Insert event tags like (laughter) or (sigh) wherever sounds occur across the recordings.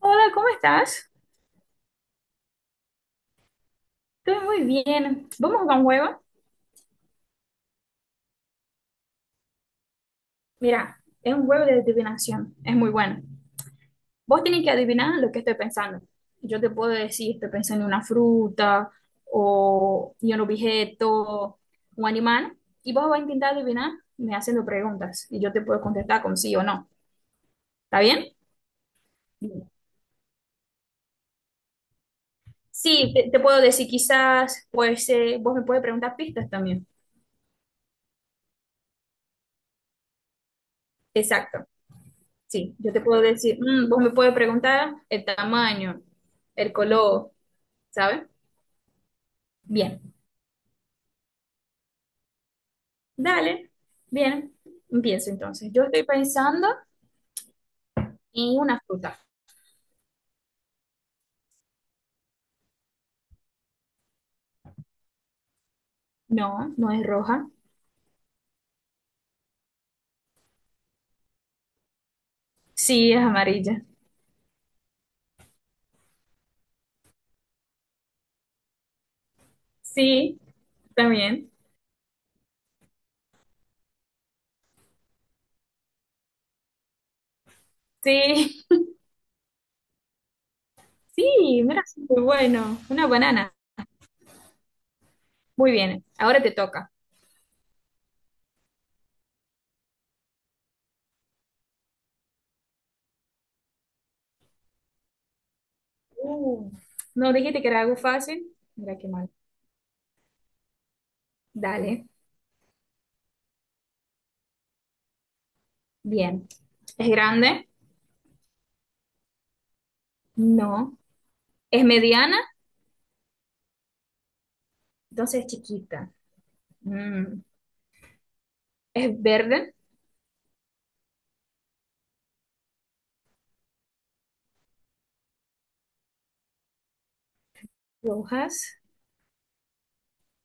Hola, ¿cómo estás? Estoy muy bien. Vamos a jugar un juego. Mira, es un juego de adivinación. Es muy bueno. Vos tenés que adivinar lo que estoy pensando. Yo te puedo decir, estoy pensando en una fruta o en un objeto, un animal, y vos vas a intentar adivinar me haciendo preguntas y yo te puedo contestar con sí o no. ¿Está bien? Bien. Sí, te puedo decir quizás, pues vos me puedes preguntar pistas también. Exacto. Sí, yo te puedo decir, mm, vos me puedes preguntar el tamaño, el color, ¿sabes? Bien, dale, bien, empiezo entonces. Yo estoy pensando en una fruta. No, no es roja. Sí, es amarilla. Sí, también. Sí, (laughs) sí, mira, es muy bueno. Una banana. Muy bien, ahora te toca. Uh, no dijiste que era algo fácil. Mira qué mal. Dale, bien. ¿Es grande? No. ¿Es mediana? Entonces es chiquita. Mm, es verde, rojas.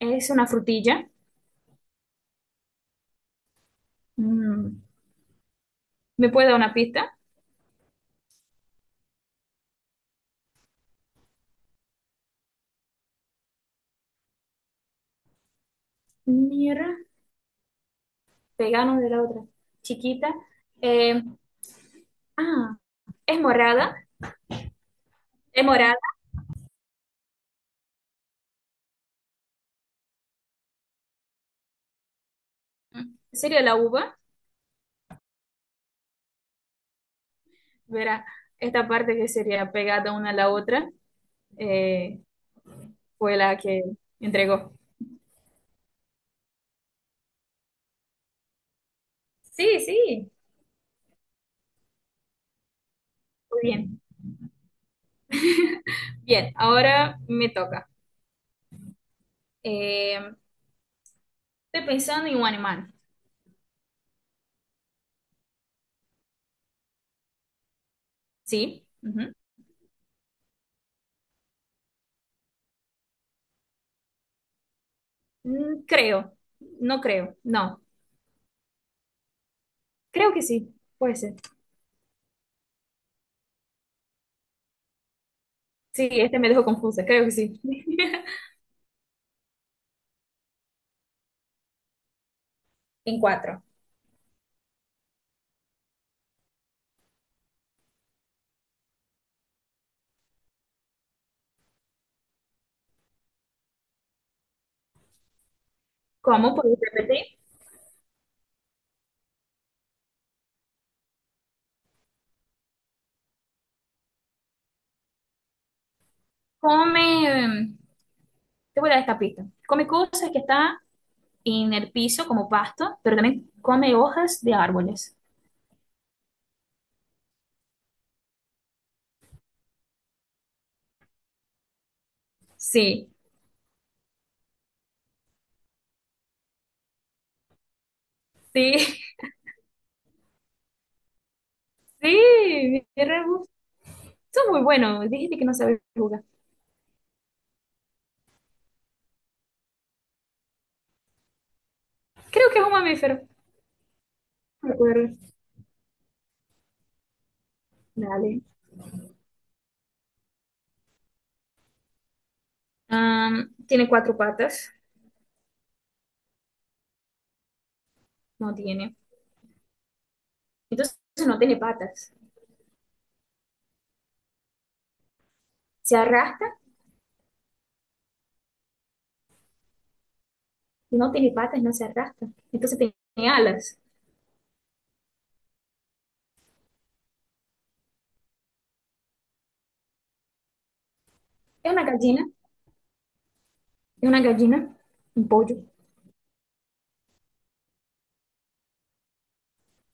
Es una frutilla. Mm, ¿me puede dar una pista? Mira, pegano de la otra. Chiquita. Eh, ah, es morada. Es morada. Sería la uva. Verá, esta parte que sería pegada una a la otra eh, fue la que entregó. Sí, sí. Muy bien. (laughs) Bien, ahora me toca. Eh, Estoy pensando en un animal. Sí. Ujú. Mm, creo, no creo, no. Creo que sí, puede ser. Sí, este me dejó confusa, creo que sí. (laughs) En cuatro. ¿Cómo? ¿Puedes repetir? Come, te voy a dar esta pista. Come cosas que están en el piso como pasto, pero también come hojas de árboles. Sí, sí, (laughs) sí, mi rebus. Son muy buenos, dijiste que no sabes jugar. Creo que es un mamífero. No me acuerdo. Dale. Tiene cuatro patas. No tiene. Entonces no tiene patas. Se arrastra y no tiene patas, no se arrastra. Entonces tiene alas. Es una gallina, es una gallina, un pollo.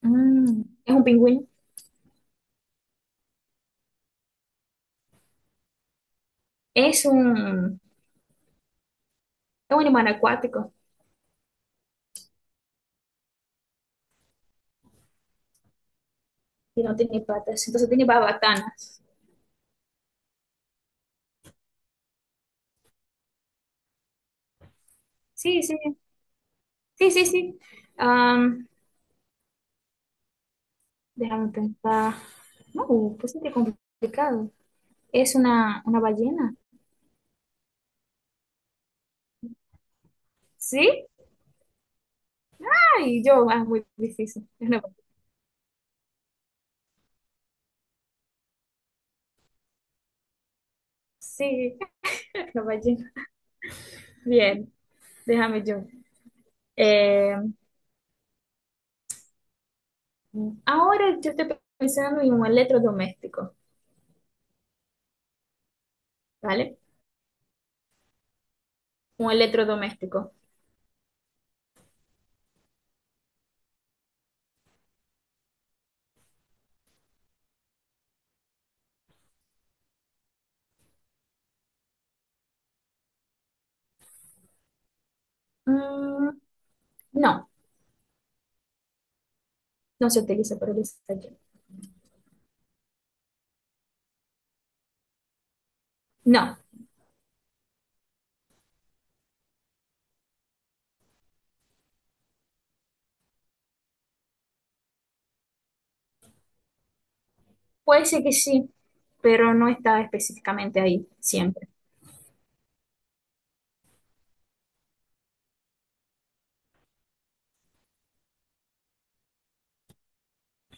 Mm, es un pingüino, es un, es un animal acuático y no tiene patas. Entonces tiene babatanas. Sí, sí, sí, sí, sí. Am, Déjame pensar. No, pues sí que complicado. ¿Es una ballena? Sí. Ay, yo, ah, muy difícil. Es una- sí, es una ballena. Bien, déjame yo. Eh, Ahora yo estoy pensando en un electrodoméstico, ¿vale? Un electrodoméstico. Mm, no, no se utiliza para el desayuno. No, puede ser que sí, pero no está específicamente ahí siempre.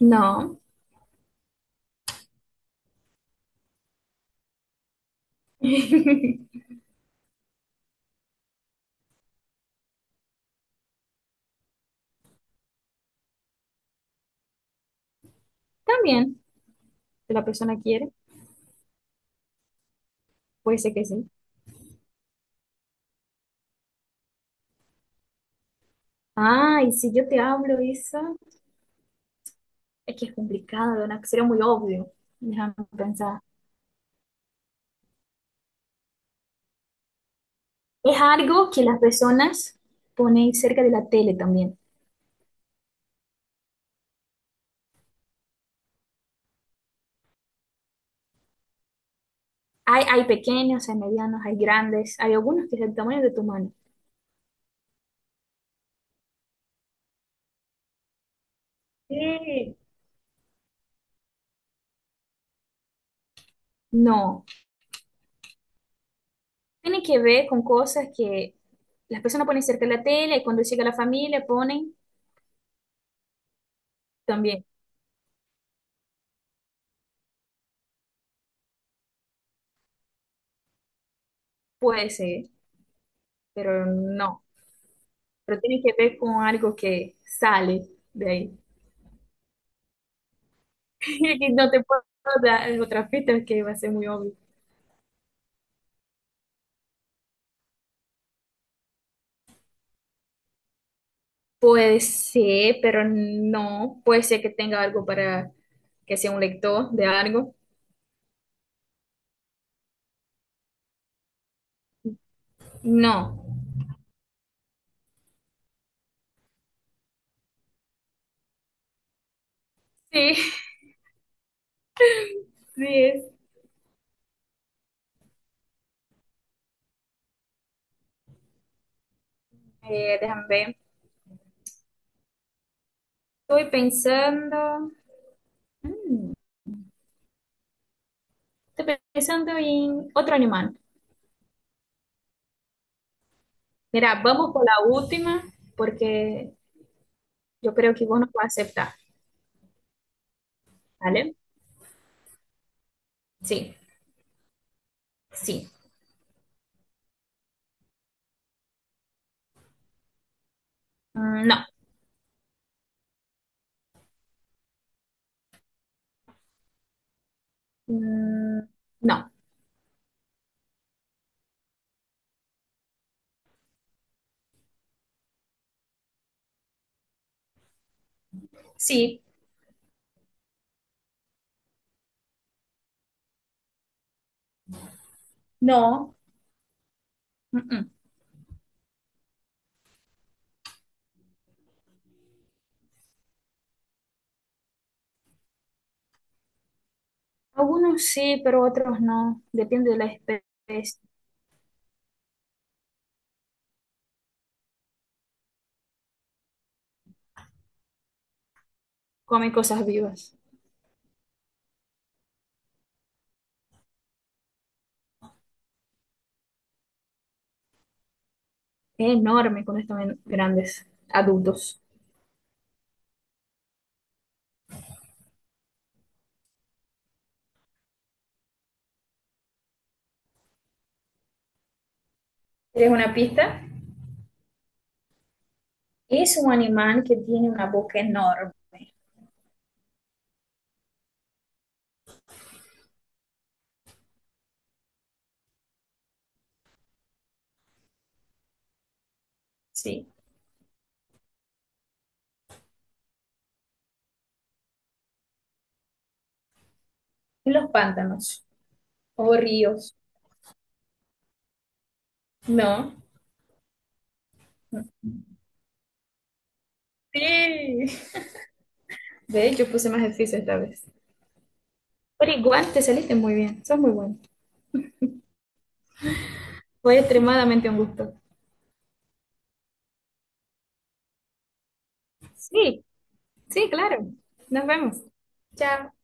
No. (laughs) También, si la persona quiere, puede ser que sí. Ah, y si yo te hablo eso, es que es complicado, ¿no? Sería muy obvio. Déjame pensar. Es algo que las personas ponen cerca de la tele también. Hay pequeños, hay medianos, hay grandes, hay algunos que es el tamaño de tu mano. Sí. No, tiene que ver con cosas que las personas ponen cerca de la tele y cuando llega la familia ponen también. Puede ser, pero no. Pero tiene que ver con algo que sale de ahí. (laughs) Y no te puedo dar otra pista que va a ser muy obvio. Puede ser, pero no. Puede ser que tenga algo para que sea un lector de algo. No. Sí, (laughs) sí es. Déjame ver. Estoy pensando. Mm, estoy pensando en otro animal. Mira, vamos por la última porque yo creo que vos no vas a aceptar, ¿vale? Sí, sí. Mm, no. Mm, no. Sí, no. Mm, mm. Algunos sí, pero otros no. Depende de la especie. Comen cosas vivas. Es enorme cuando están grandes, adultos. ¿Quieres una pista? Es un animal que tiene una boca enorme. Sí. Los pantanos o ríos. No. Sí. De hecho, puse más difícil esta vez. Pero igual te saliste muy bien. Sos muy bueno. Fue extremadamente un gusto. Sí. Sí, claro. Nos vemos. Chao.